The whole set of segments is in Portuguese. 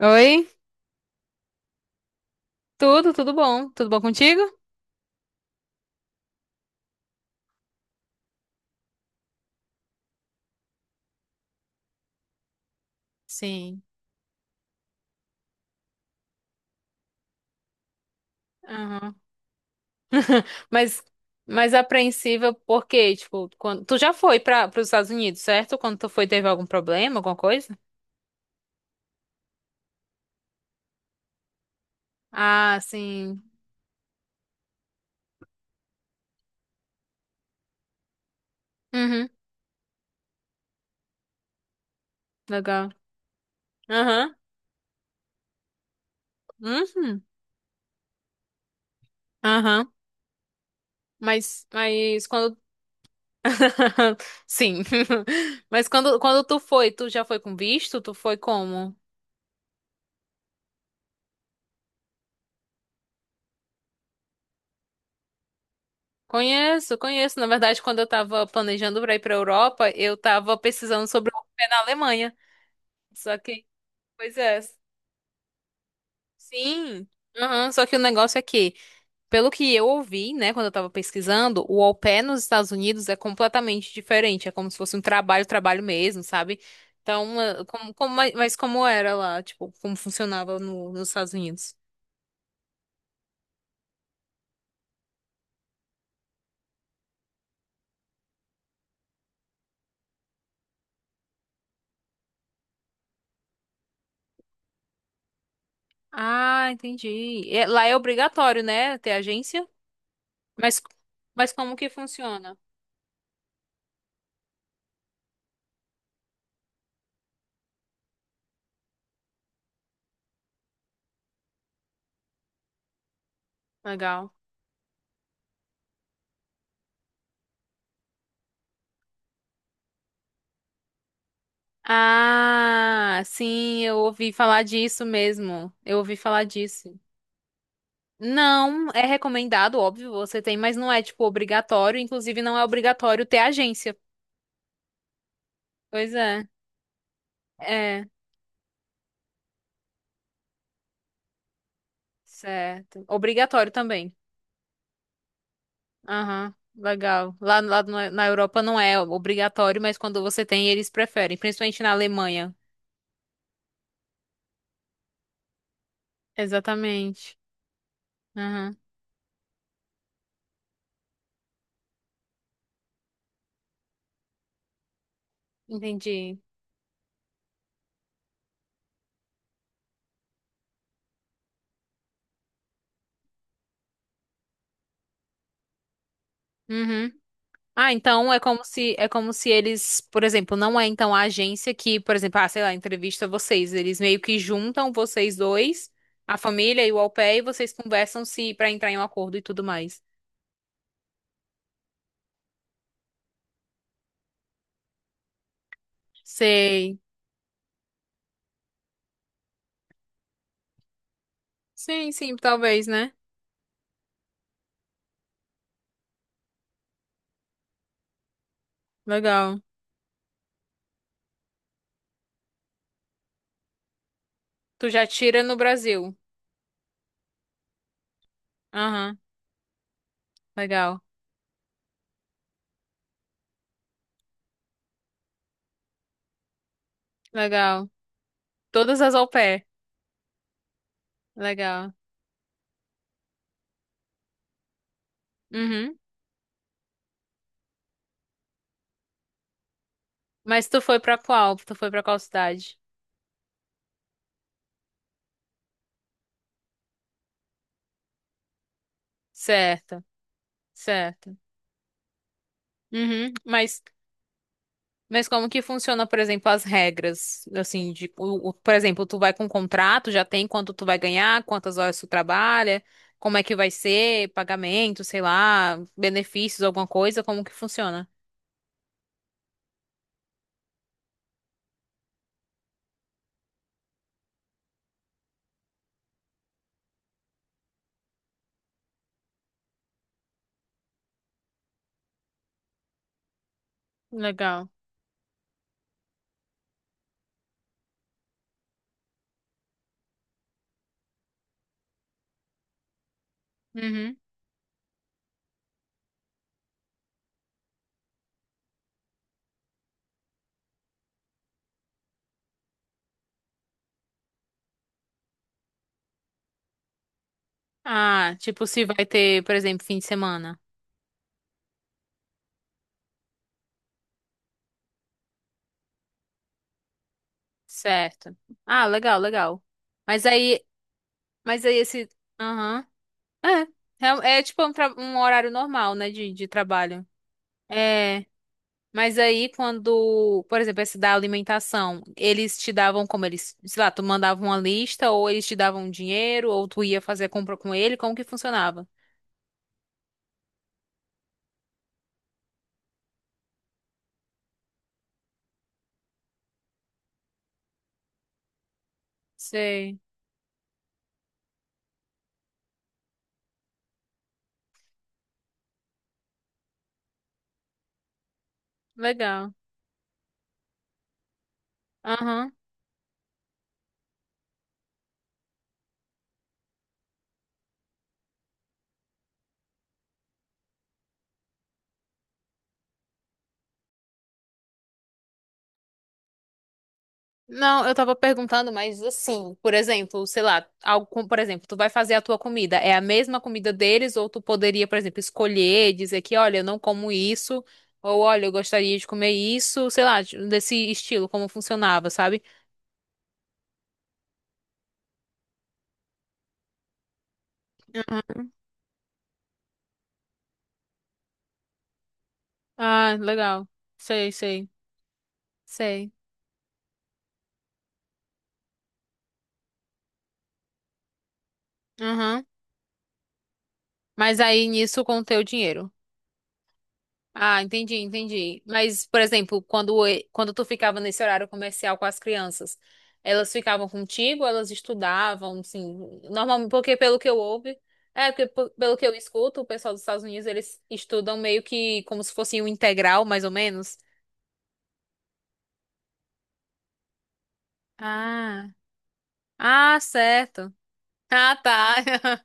Oi, tudo bom? Tudo bom contigo? Sim. Aham. Mas, mas apreensiva por quê? Tipo, quando tu já foi para os Estados Unidos, certo? Quando tu foi, teve algum problema, alguma coisa? Ah, sim. Uhum, legal. Aham. Uhum. Aham. Mas quando Sim. Mas quando tu foi, tu já foi com visto? Tu foi como? Conheço, conheço. Na verdade, quando eu tava planejando pra ir pra Europa, eu tava pesquisando sobre o pé na Alemanha. Só que, pois é. Sim. Aham, só que o negócio é que, pelo que eu ouvi, né, quando eu tava pesquisando, o au pair nos Estados Unidos é completamente diferente. É como se fosse um trabalho, trabalho mesmo, sabe? Então, mas como era lá, tipo, como funcionava no, nos Estados Unidos? Ah, entendi. É, lá é obrigatório, né, ter agência? Mas, mas como que funciona? Legal. Ah, sim, eu ouvi falar disso mesmo. Eu ouvi falar disso. Não, é recomendado, óbvio, você tem, mas não é, tipo, obrigatório. Inclusive, não é obrigatório ter agência. Pois é, é, certo. Obrigatório também. Aham, legal. Lá, lá na Europa não é obrigatório, mas quando você tem, eles preferem, principalmente na Alemanha. Exatamente. Aham, entendi. Uhum. Ah, então é como se eles, por exemplo, não é então a agência que, por exemplo, ah, sei lá, entrevista vocês, eles meio que juntam vocês dois, a família e o au pair, e vocês conversam se para entrar em um acordo e tudo mais. Sei. Sim, sim, talvez, né? Legal. Tu já tira no Brasil. Aham, legal. Legal. Todas as au pair. Legal. Uhum. Mas tu foi pra qual? Tu foi pra qual cidade? Certo, certo. Uhum. Mas como que funciona, por exemplo, as regras? Assim, por exemplo, tu vai com um contrato, já tem quanto tu vai ganhar, quantas horas tu trabalha, como é que vai ser, pagamento, sei lá, benefícios, alguma coisa, como que funciona? Legal. Uhum. Ah, tipo, se vai ter, por exemplo, fim de semana. Certo. Ah, legal, legal. Mas aí, mas aí esse. Aham. É, é, é tipo um horário normal, né, de trabalho. É. Mas aí, quando, por exemplo, esse da alimentação, eles te davam como eles, sei lá, tu mandava uma lista, ou eles te davam dinheiro, ou tu ia fazer a compra com ele, como que funcionava? Sei, legal. Aham. Não, eu tava perguntando, mas assim, por exemplo, sei lá, por exemplo, tu vai fazer a tua comida, é a mesma comida deles, ou tu poderia, por exemplo, escolher, dizer que, olha, eu não como isso, ou olha, eu gostaria de comer isso, sei lá, desse estilo, como funcionava, sabe? Ah, legal. Sei, sei. Sei. Aham. Mas aí nisso com o teu dinheiro. Ah, entendi, entendi. Mas, por exemplo, quando tu ficava nesse horário comercial com as crianças, elas ficavam contigo, elas estudavam, assim, normalmente, porque pelo que eu ouve, é, porque pelo que eu escuto, o pessoal dos Estados Unidos, eles estudam meio que como se fosse um integral, mais ou menos. Ah, ah, certo. Ah, tá.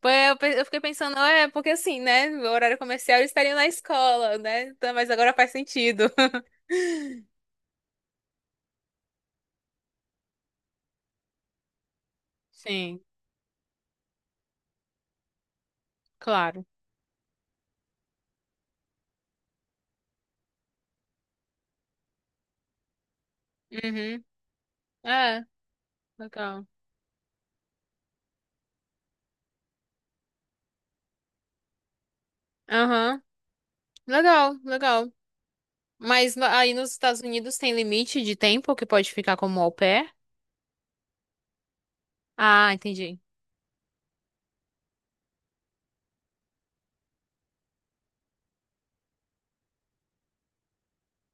Pois eu fiquei pensando, é, porque assim, né? O horário comercial eles estariam na escola, né? Então, mas agora faz sentido. Sim, claro. Uhum. É, legal. Aham. Legal, legal. Aí nos Estados Unidos tem limite de tempo que pode ficar como au pair? Ah, entendi.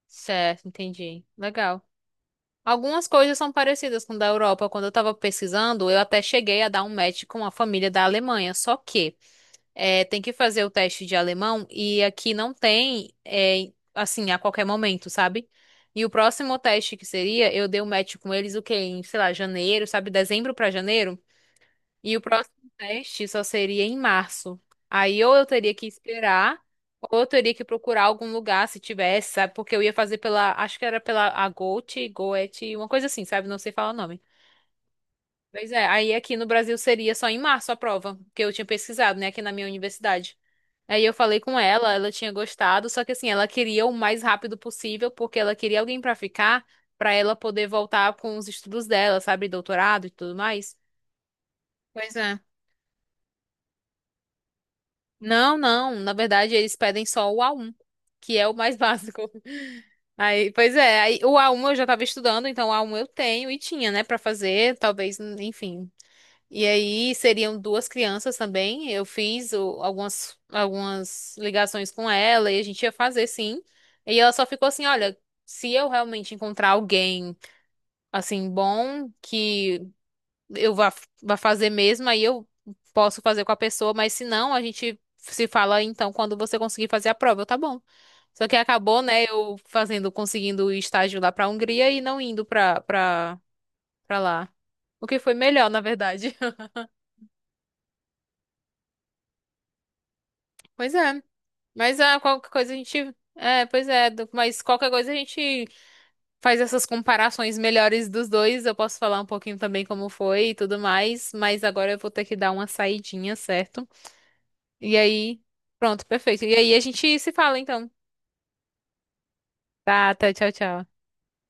Certo, entendi. Legal. Algumas coisas são parecidas com da Europa. Quando eu tava pesquisando, eu até cheguei a dar um match com a família da Alemanha. Só que é, tem que fazer o teste de alemão e aqui não tem, é, assim, a qualquer momento, sabe? E o próximo teste que seria, eu dei o match com eles o quê? Em, sei lá, janeiro, sabe? Dezembro pra janeiro. E o próximo teste só seria em março. Aí ou eu teria que esperar, ou eu teria que procurar algum lugar se tivesse, sabe? Porque eu ia fazer pela, acho que era pela Agote, Goethe, uma coisa assim, sabe? Não sei falar o nome. Pois é, aí aqui no Brasil seria só em março a prova, que eu tinha pesquisado, né, aqui na minha universidade. Aí eu falei com ela, ela tinha gostado, só que assim, ela queria o mais rápido possível, porque ela queria alguém pra ficar, pra ela poder voltar com os estudos dela, sabe, doutorado e tudo mais. Pois é. Não, na verdade eles pedem só o A1, que é o mais básico. Aí, pois é, aí o A1 eu já tava estudando, então o A1 eu tenho e tinha, né, pra fazer, talvez, enfim, e aí seriam duas crianças também. Eu fiz algumas ligações com ela e a gente ia fazer sim. E ela só ficou assim, olha, se eu realmente encontrar alguém assim bom que eu vá, fazer mesmo, aí eu posso fazer com a pessoa, mas se não, a gente se fala então quando você conseguir fazer a prova, eu, tá bom. Só que acabou, né, eu fazendo, conseguindo o estágio lá pra Hungria e não indo pra lá. O que foi melhor, na verdade. Pois é. Mas qualquer coisa a gente. É, pois é, mas qualquer coisa a gente faz essas comparações melhores dos dois. Eu posso falar um pouquinho também como foi e tudo mais, mas agora eu vou ter que dar uma saidinha, certo? E aí, pronto, perfeito. E aí a gente se fala então. Tá, tchau, tchau.